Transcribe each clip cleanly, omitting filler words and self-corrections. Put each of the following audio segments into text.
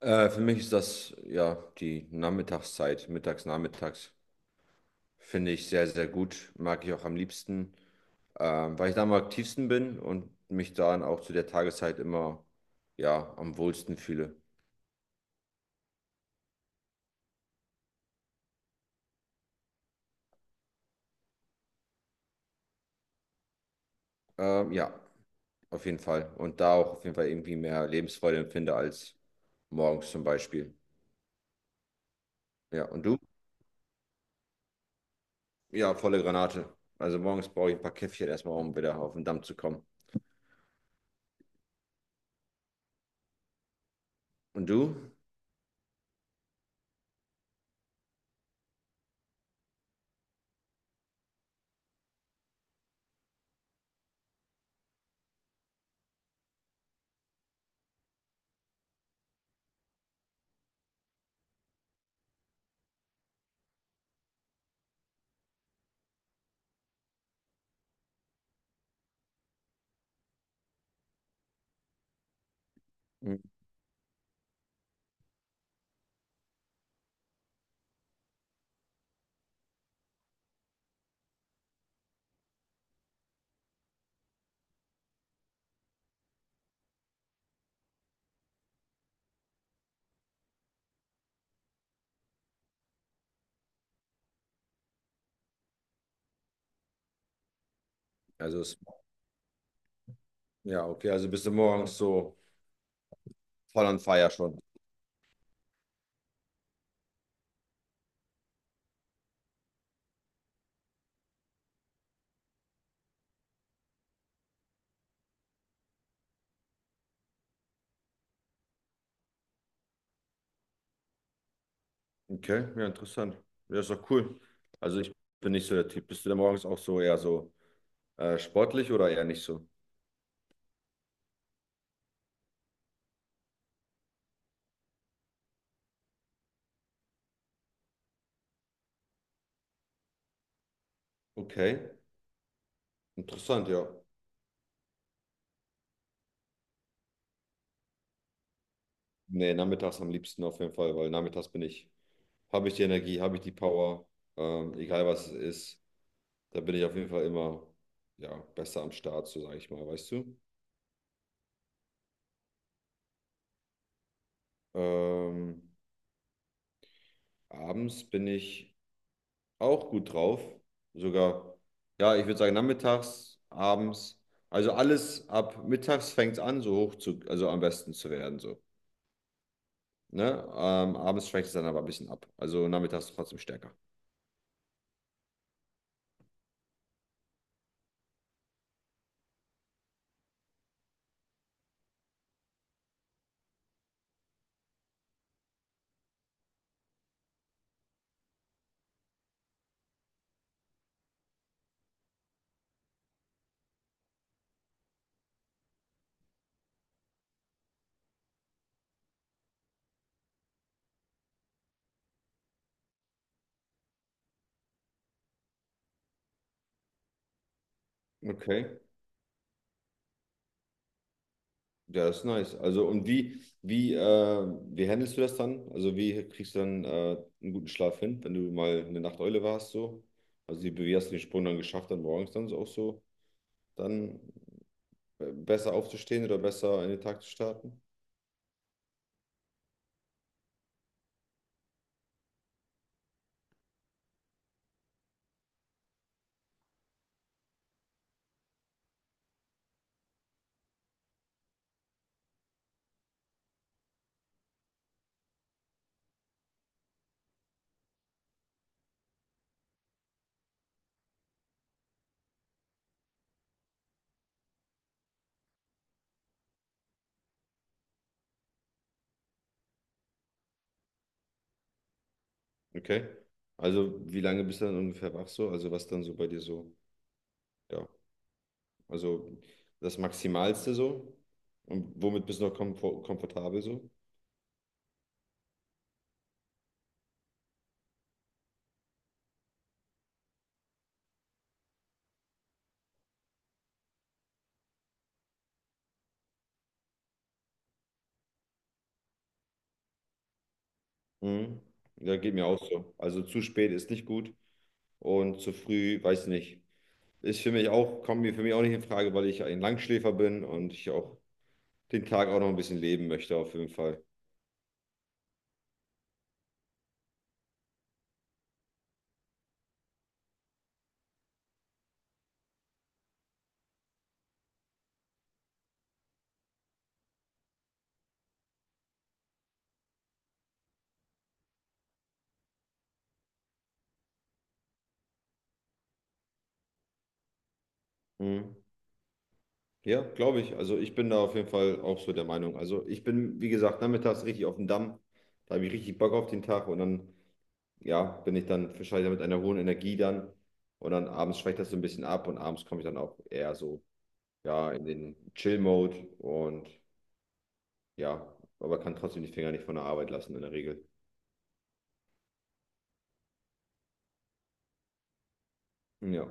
Für mich ist das ja die Nachmittagszeit, mittags, nachmittags. Finde ich sehr, sehr gut. Mag ich auch am liebsten, weil ich da am aktivsten bin und mich dann auch zu der Tageszeit immer ja, am wohlsten fühle. Ja, auf jeden Fall. Und da auch auf jeden Fall irgendwie mehr Lebensfreude empfinde als morgens zum Beispiel. Ja, und du? Ja, volle Granate. Also morgens brauche ich ein paar Käffchen erstmal, um wieder auf den Damm zu kommen. Und du? Hm. Also, es- ja, okay, also bist du morgens so voll on fire schon. Okay, ja, interessant. Ja, ist doch cool. Also ich bin nicht so der Typ. Bist du denn morgens auch so eher so sportlich oder eher nicht so? Okay, interessant, ja. Nee, nachmittags am liebsten auf jeden Fall, weil nachmittags habe ich die Energie, habe ich die Power, egal was es ist, da bin ich auf jeden Fall immer, ja, besser am Start, so sage ich mal, weißt du? Ähm, abends bin ich auch gut drauf. Sogar, ja, ich würde sagen, nachmittags, abends. Also alles ab mittags fängt es an, so hoch zu, also am besten zu werden, so. Ne? Abends schwächt es dann aber ein bisschen ab. Also nachmittags trotzdem stärker. Okay. Ja, das ist nice. Also, wie handelst du das dann? Also, wie kriegst du dann einen guten Schlaf hin, wenn du mal eine Nachteule warst, so? Also, wie hast du den Sprung dann geschafft, dann morgens dann so auch so, dann besser aufzustehen oder besser in den Tag zu starten? Okay. Also, wie lange bist du dann ungefähr wach so? Also, was dann so bei dir so? Ja, also das Maximalste so? Und womit bist du noch komfortabel so? Mhm. Ja, geht mir auch so. Also, zu spät ist nicht gut und zu früh, weiß nicht. Ist für mich auch, kommt mir für mich auch nicht in Frage, weil ich ein Langschläfer bin und ich auch den Tag auch noch ein bisschen leben möchte, auf jeden Fall. Mhm. Ja, glaube ich. Also ich bin da auf jeden Fall auch so der Meinung. Also ich bin, wie gesagt, nachmittags richtig auf dem Damm. Da habe ich richtig Bock auf den Tag und dann, ja, bin ich dann wahrscheinlich mit einer hohen Energie dann. Und dann abends schwächt das so ein bisschen ab und abends komme ich dann auch eher so, ja, in den Chill-Mode und ja, aber kann trotzdem die Finger nicht von der Arbeit lassen in der Regel. Ja,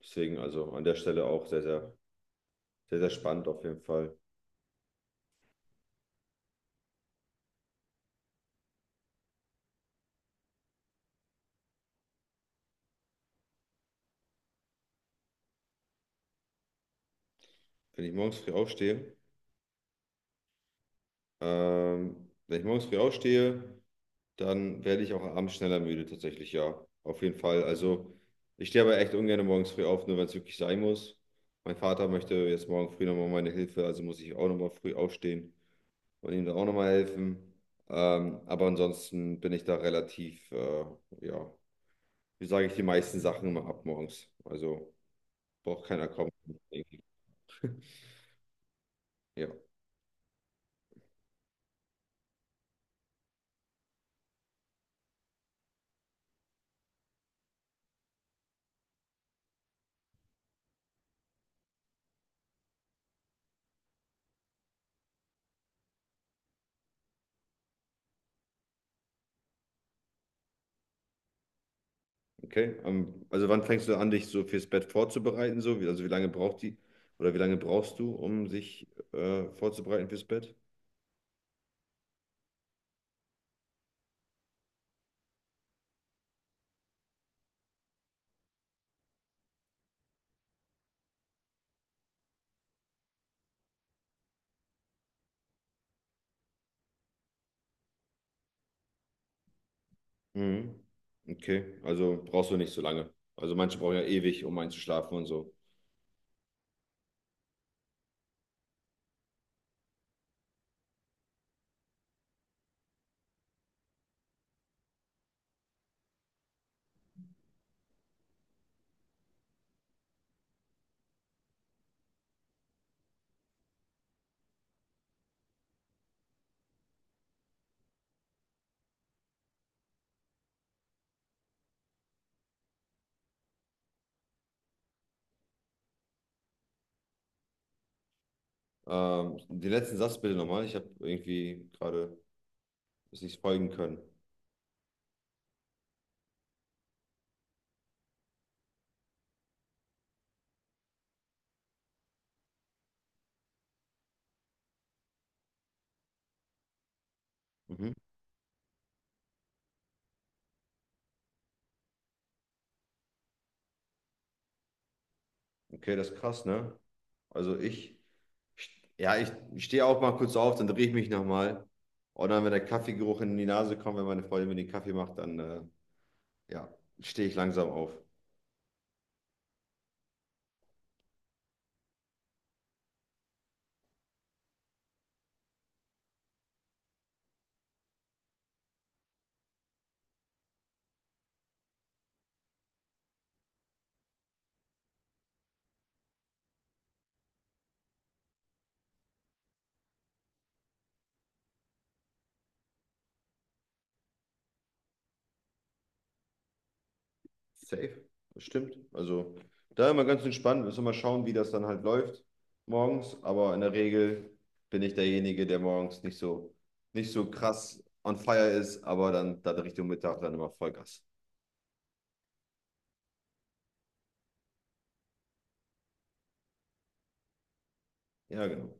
deswegen also an der Stelle auch sehr, sehr, sehr, sehr spannend auf jeden Fall. Wenn ich morgens früh aufstehe, Wenn ich morgens früh aufstehe, dann werde ich auch abends schneller müde, tatsächlich, ja. Auf jeden Fall. Also, ich stehe aber echt ungern morgens früh auf, nur wenn es wirklich sein muss. Mein Vater möchte jetzt morgen früh nochmal meine Hilfe, also muss ich auch nochmal früh aufstehen und ihm da auch nochmal helfen. Aber ansonsten bin ich da relativ, ja, wie sage ich, die meisten Sachen immer ab morgens. Also braucht keiner kommen. Ja. Okay, also wann fängst du an, dich so fürs Bett vorzubereiten? So? Wie, also wie lange braucht die oder wie lange brauchst du, um sich vorzubereiten fürs Bett? Mhm. Okay, also brauchst du nicht so lange. Also manche brauchen ja ewig, um einzuschlafen und so. Den letzten Satz bitte nochmal. Ich habe irgendwie gerade es nicht folgen können. Mhm. Okay, das ist krass, ne? Also ich, ja, ich stehe auch mal kurz auf, dann drehe ich mich nochmal. Und dann, wenn der Kaffeegeruch in die Nase kommt, wenn meine Freundin mir den Kaffee macht, dann ja, stehe ich langsam auf. Safe. Das stimmt. Also da immer ganz entspannt. Müssen wir mal schauen, wie das dann halt läuft morgens. Aber in der Regel bin ich derjenige, der morgens nicht so, nicht so krass on fire ist, aber dann, dann Richtung Mittag dann immer Vollgas. Ja, genau.